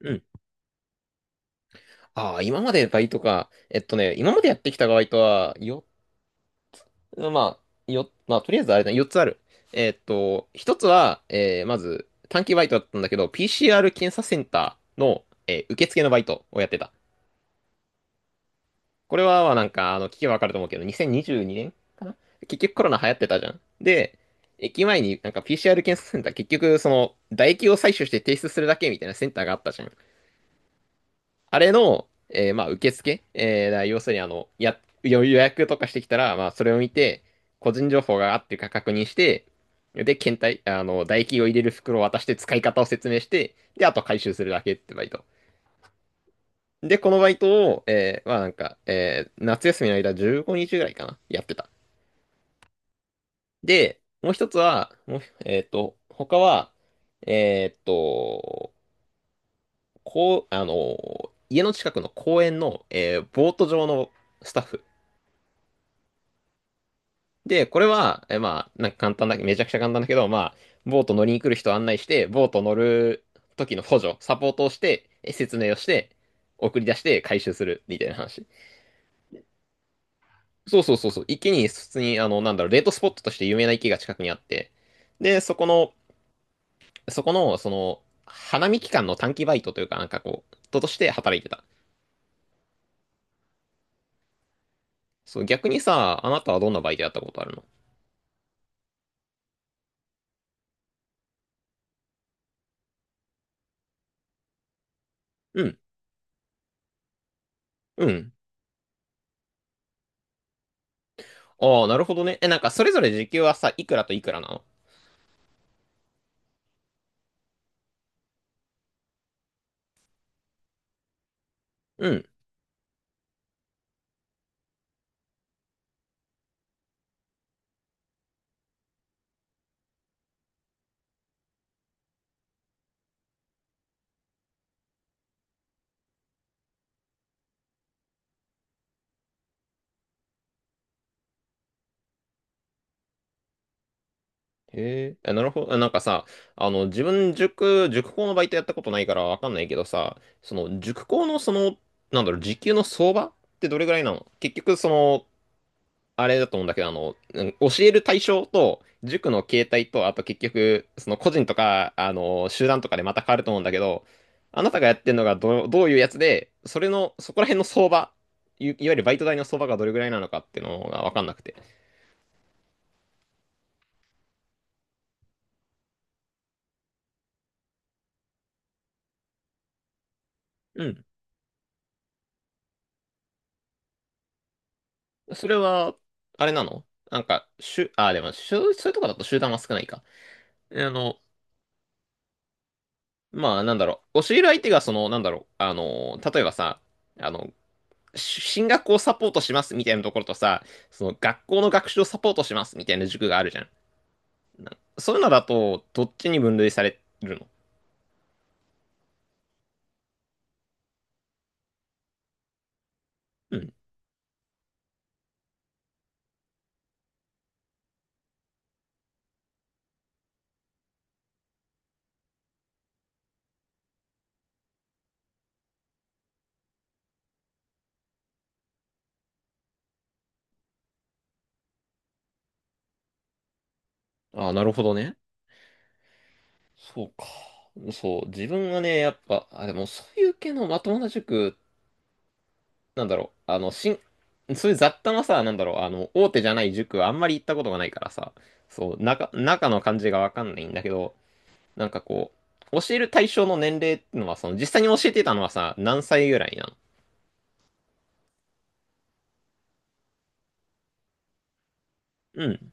うん。ああ、今までバイトか。えっとね、今までやってきたバイトは、よ、まあ、よ、まあ、とりあえずあれだね、4つある。えっと、1つは、まず、短期バイトだったんだけど、PCR 検査センターの、受付のバイトをやってた。これは、まあ、聞けばわかると思うけど、2022年結局コロナ流行ってたじゃん。で、駅前になんか PCR 検査センター、結局、その、唾液を採取して提出するだけみたいなセンターがあったじゃん。あれの、まあ、受付、だから要するにあの、予約とかしてきたら、まあ、それを見て、個人情報があっていうか確認して、で、検体、あの、唾液を入れる袋を渡して使い方を説明して、で、あと回収するだけってバイト。で、このバイトを、まあなんか、夏休みの間15日ぐらいかな、やってた。で、もう一つは、もう、他は、えーっと、家の近くの公園の、ボート場のスタッフ。で、これは、まあ、なんか簡単だけど、めちゃくちゃ簡単だけど、まあ、ボート乗りに来る人を案内して、ボート乗る時の補助、サポートをして、え説明をして、送り出して回収するみたいな話。そうそうそうそう。池に、普通に、あの、なんだろう、デートスポットとして有名な池が近くにあって、で、そこの、その、花見期間の短期バイトというか、なんかこう、人として働いてた。そう、逆にさ、あなたはどんなバイトやったことあるの？うん、うん。ああ、なるほどね。え、なんか、それぞれ時給はさ、いくらといくらなの？うん。へえ、あなるほど。あなんかさ、あの、自分塾、塾講のバイトやったことないからわかんないけどさ、その、塾講のその、なんだろう、時給の相場ってどれぐらいなの？結局、その、あれだと思うんだけど、あの、うん教える対象と、塾の形態と、あと結局、その個人とか、あの、集団とかでまた変わると思うんだけど、あなたがやってるのがどういうやつで、それの、そこら辺の相場、いわゆるバイト代の相場がどれぐらいなのかっていうのがわかんなくて。それは、あれなの？なんか、しゅ、あ、でも、しゅ、そういうとこだと集団は少ないか。えあの、まあ、なんだろう。教える相手が、その、なんだろう。あの、例えばさ、あの、進学をサポートしますみたいなところとさ、その、学校の学習をサポートしますみたいな塾があるじゃん。なそういうのだと、どっちに分類されるの？うん。あ、なるほどね。そうか。そう、自分はね、やっぱ、あ、でも、そういう系のまともな塾なんだろう、あの、そういう雑多なさ、なんだろう、あの、大手じゃない塾はあんまり行ったことがないからさ、そう、中の感じがわかんないんだけど、なんかこう、教える対象の年齢ってのは、その、実際に教えてたのはさ、何歳ぐらいなの？うん。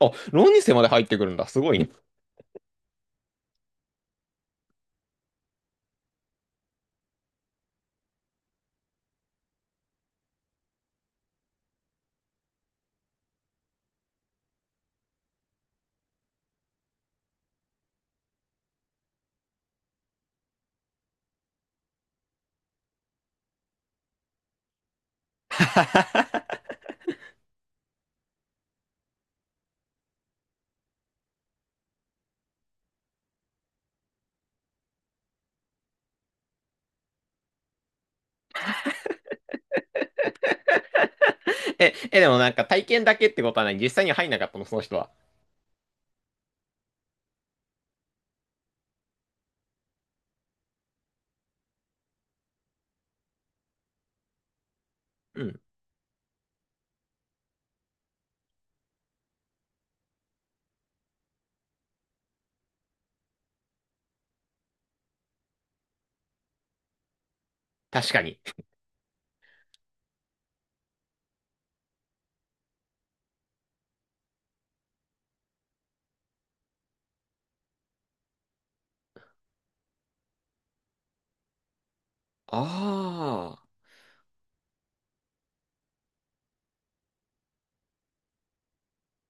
あ、浪人生まで入ってくるんだ。すごいね。え、え、でもなんか体験だけってことはない。実際には入んなかったの、その人は。うん。確かに。あ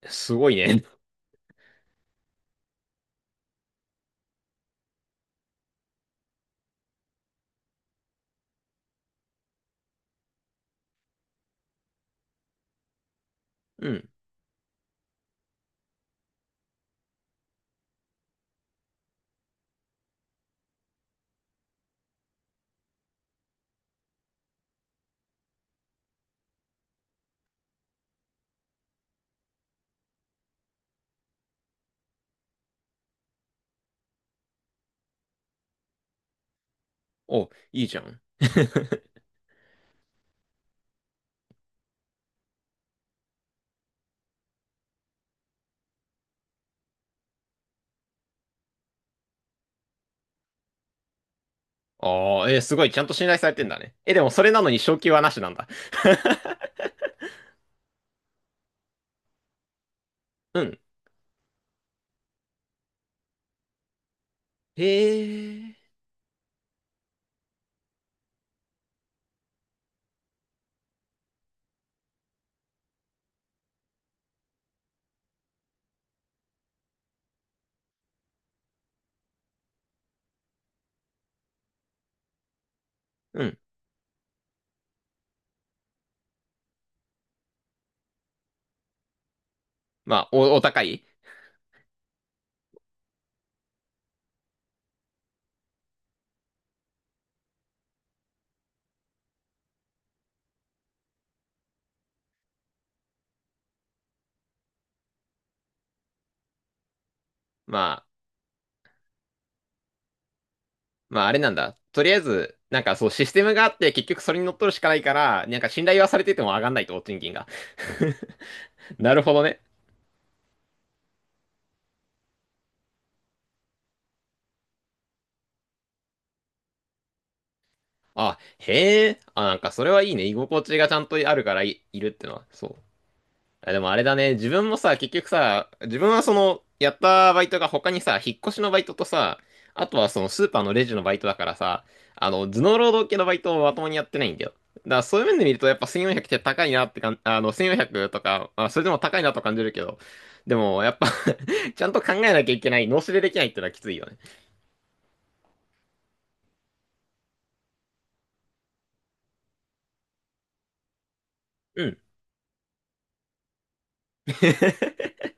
あ、すごいね。うん。お、いいじゃん。ああ、えーすごい、ちゃんと信頼されてんだね。え、でもそれなのに昇給はなしなんだ。うん。へえ。うん。まあ、お高いまあ、まあ、あれなんだ。とりあえず、なんかそう、システムがあって、結局それに乗っ取るしかないから、なんか信頼はされてても上がんないと、賃金が。なるほどね。あ、へえ。あ、なんかそれはいいね。居心地がちゃんとあるからいるってのは。そう。あでもあれだね、自分もさ、結局さ、自分はその、やったバイトが他にさ、引っ越しのバイトとさ、あとはそのスーパーのレジのバイトだからさ、あの、頭脳労働系のバイトをまともにやってないんだよ。だからそういう面で見るとやっぱ1400って高いなってかん、あの、1400とか、まあ、それでも高いなと感じるけど、でもやっぱ ちゃんと考えなきゃいけない、脳死でできないってのはきついよね。うん。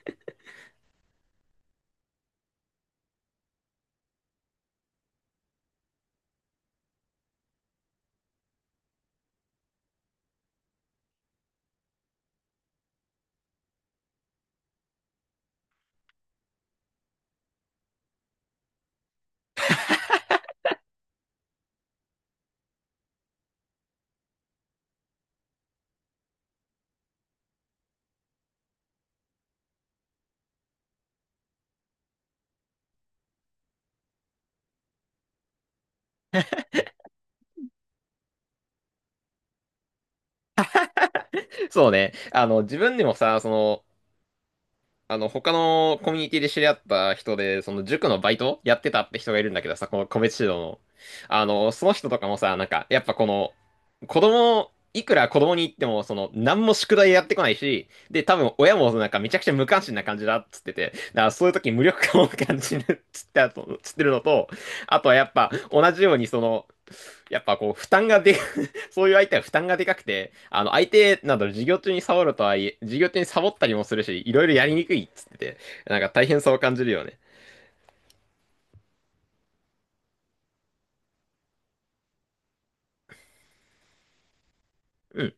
そうね。あの、自分でもさ、その、あの、他のコミュニティで知り合った人で、その塾のバイトやってたって人がいるんだけどさ、この個別指導の。あの、その人とかもさ、なんか、やっぱこの、子供、いくら子供に言っても、その、何も宿題やってこないし、で、多分親もなんかめちゃくちゃ無関心な感じだっつってて、だからそういう時無力感を感じるっつってあと、つってるのと、あとはやっぱ同じようにその、やっぱこう、負担がでそういう相手は負担がでかくて、あの、相手など授業中にサボるとはいえ、授業中にサボったりもするし、いろいろやりにくいっつってて、なんか大変さを感じるよね。うん。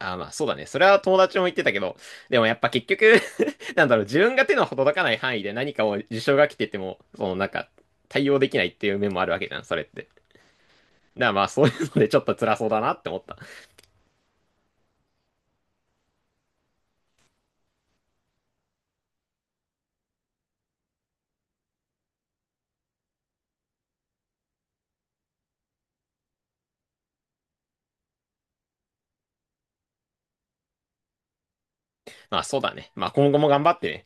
あーまあそうだね。それは友達も言ってたけど、でもやっぱ結局 なんだろう、自分が手の届かない範囲で何かを事象が来てても、そのなんか対応できないっていう面もあるわけじゃん、それって。だからまあそういうのでちょっと辛そうだなって思った。まあそうだね。まあ今後も頑張ってね。